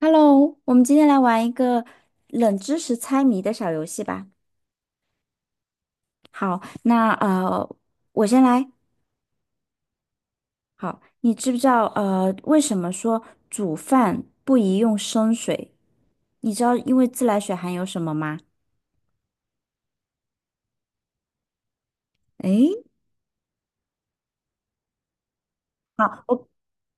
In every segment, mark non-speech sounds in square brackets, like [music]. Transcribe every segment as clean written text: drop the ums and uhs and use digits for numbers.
Hello，我们今天来玩一个冷知识猜谜的小游戏吧。好，那我先来。好，你知不知道为什么说煮饭不宜用生水？你知道因为自来水含有什么吗？诶，好，我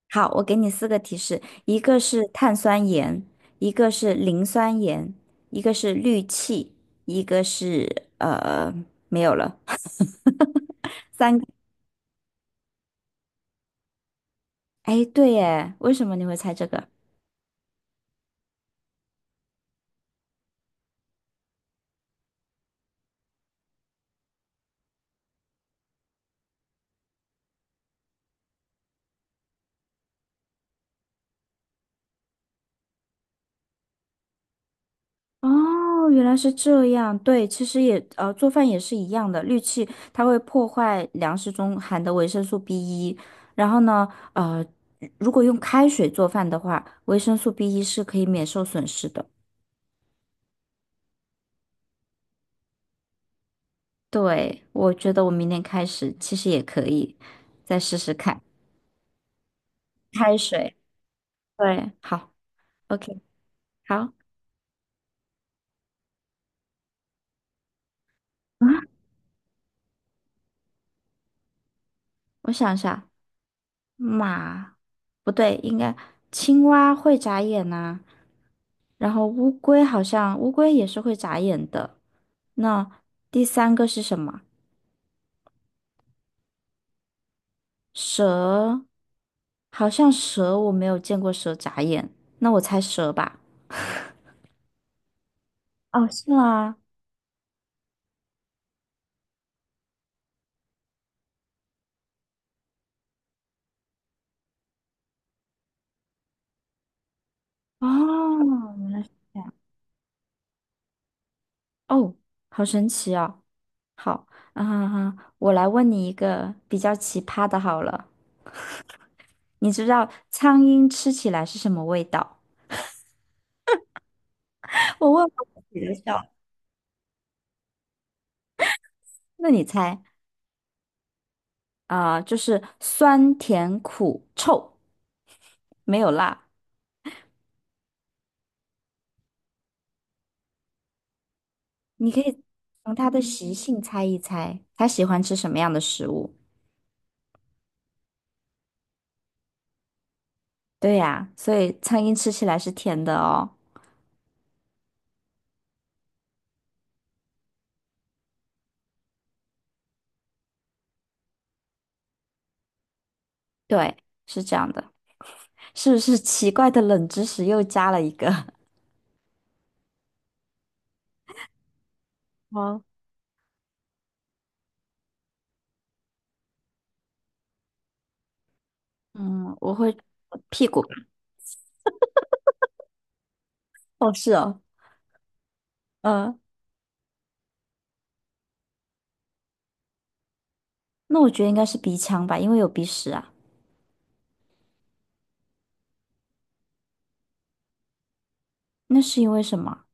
好，我给你四个提示，一个是碳酸盐，一个是磷酸盐，一个是氯气，一个是没有了，[laughs] 三个。哎，对耶，为什么你会猜这个？哦，原来是这样。对，其实也做饭也是一样的，氯气它会破坏粮食中含的维生素 b 一。然后呢，呃，如果用开水做饭的话，维生素 b 一是可以免受损失的。对，我觉得我明天开始其实也可以再试试看开水。对，好，OK,好啊，我想一下，马，不对，应该青蛙会眨眼呐、然后乌龟好像也是会眨眼的。那第三个是什么？蛇，好像我没有见过蛇眨眼，那我猜蛇吧。哦，是吗？哦，原来是这样。哦，好神奇哦。好，啊哈哈，我来问你一个比较奇葩的，好了，你知道苍蝇吃起来是什么味道？[laughs] 我问我自己的笑。那你猜啊，就是酸甜苦臭，没有辣。你可以从它的习性猜一猜，它喜欢吃什么样的食物。对呀，所以苍蝇吃起来是甜的哦。对，是这样的，是不是奇怪的冷知识又加了一个？哦，嗯，我会屁股。是哦，嗯，那我觉得应该是鼻腔吧，因为有鼻屎啊。那是因为什么？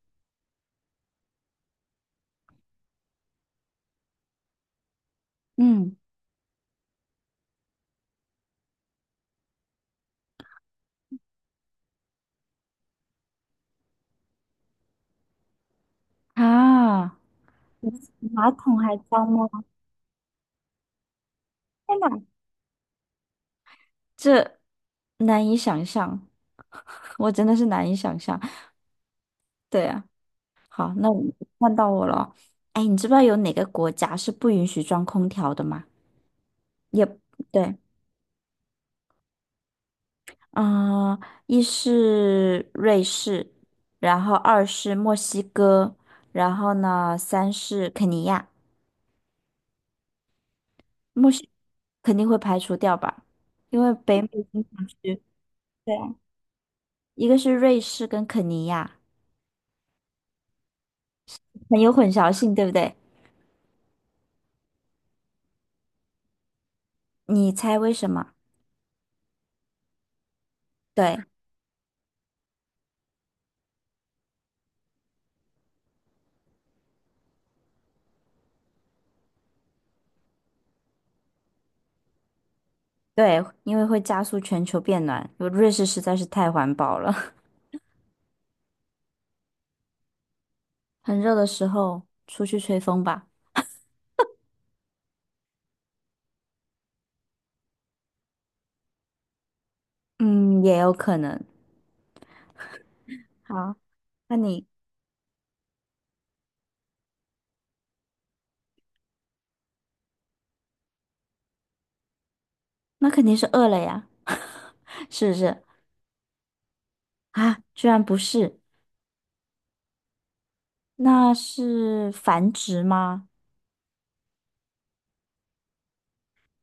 嗯，啊，马桶还脏吗？天哪，这难以想象，[laughs] 我真的是难以想象。对啊。好，那我换到我了。哎，你知不知道有哪个国家是不允许装空调的吗？也对，嗯、一是瑞士，然后二是墨西哥，然后呢，三是肯尼亚。墨西肯定会排除掉吧，因为北美经常去。对啊，一个是瑞士跟肯尼亚，很有混淆性，对不对？你猜为什么？对，对，因为会加速全球变暖，瑞士实在是太环保了。很热的时候出去吹风吧。嗯，也有可能。好，那你那肯定是饿了呀，是不是？啊，居然不是，那是繁殖吗？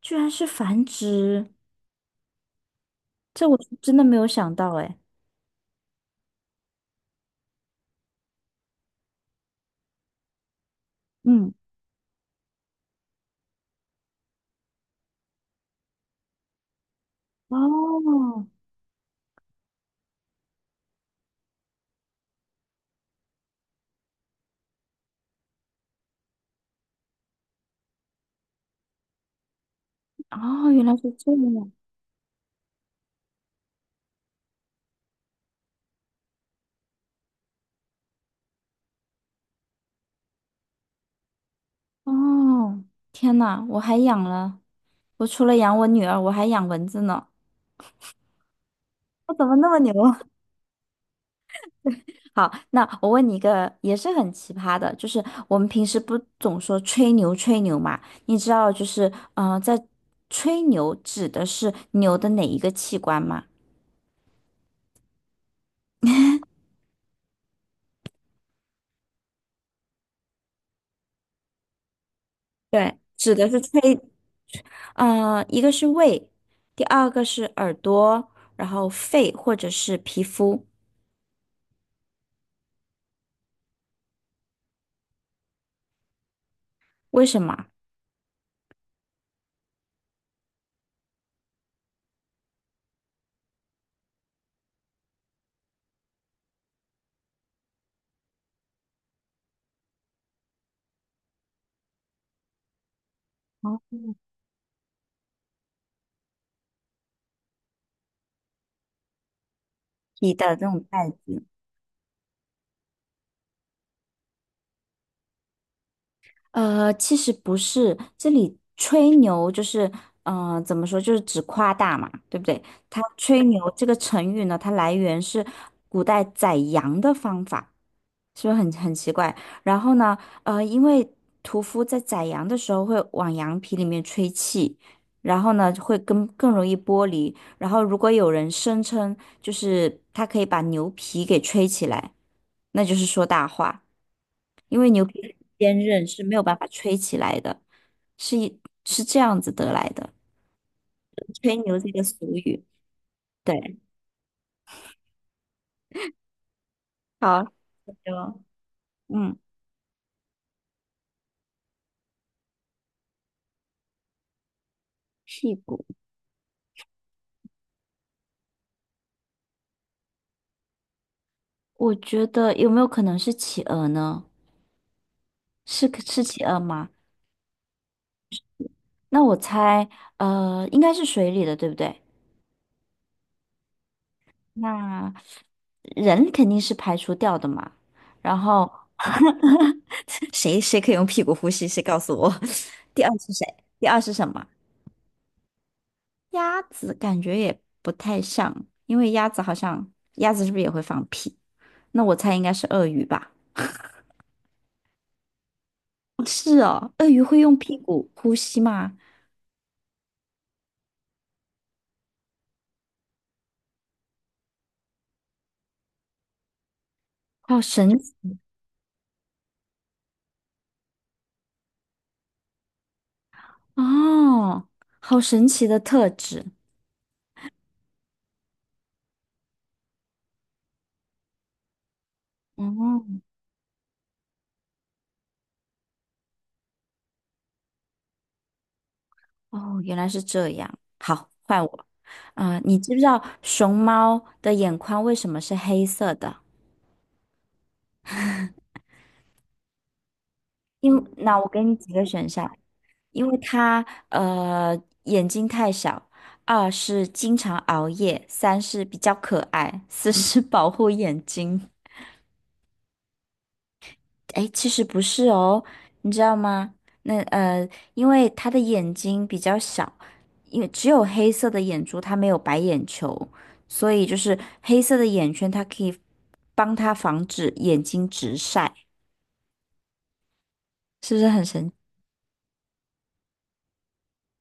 居然是繁殖，这我是真的没有想到哎。嗯，哦，哦，原来是这样。哦，天呐，我还养了，我除了养我女儿，我还养蚊子呢。我怎么那么牛？好，那我问你一个也是很奇葩的，就是我们平时不总说吹牛吹牛嘛？你知道就是，在吹牛指的是牛的哪一个器官吗？指的是吹，嗯，一个是胃，第二个是耳朵，然后肺或者是皮肤。为什么？你的这种代子？呃，其实不是，这里吹牛就是，嗯，怎么说，就是指夸大嘛，对不对？它吹牛这个成语呢，它来源是古代宰羊的方法，是不是很奇怪？然后呢，因为屠夫在宰羊的时候会往羊皮里面吹气，然后呢会更容易剥离。然后如果有人声称就是他可以把牛皮给吹起来，那就是说大话。因为牛皮很坚韧是没有办法吹起来的，是一是这样子得来的，吹牛这个俗语。对，好，就嗯，屁股，我觉得有没有可能是企鹅呢？是企鹅吗？那我猜，呃，应该是水里的，对不对？那人肯定是排除掉的嘛。然后 [laughs] 谁可以用屁股呼吸？谁告诉我？[laughs] 第二是谁？第二是什么？鸭子感觉也不太像，因为鸭子鸭子是不是也会放屁？那我猜应该是鳄鱼吧？哦是哦，鳄鱼会用屁股呼吸吗？好神奇哦，好神奇的特质。哦，哦，原来是这样。好，换我。啊、你知不知道熊猫的眼眶为什么是黑色的？因那我给你几个选项：因为他眼睛太小，二是经常熬夜，三是比较可爱，四是保护眼睛。哎，其实不是哦，你知道吗？那呃，因为他的眼睛比较小，因为只有黑色的眼珠，它没有白眼球，所以就是黑色的眼圈，它可以帮他防止眼睛直晒，是不是很神奇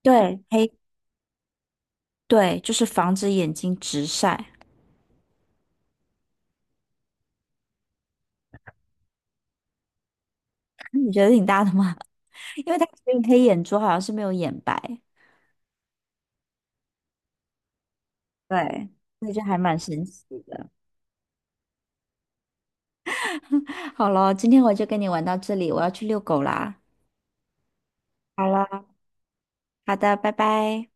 对，黑，对，就是防止眼睛直晒。你觉得挺大的吗？因为他只有黑眼珠，好像是没有眼白，对，所以就还蛮神奇的。[laughs] 好了，今天我就跟你玩到这里，我要去遛狗啦。好了，好的，拜拜。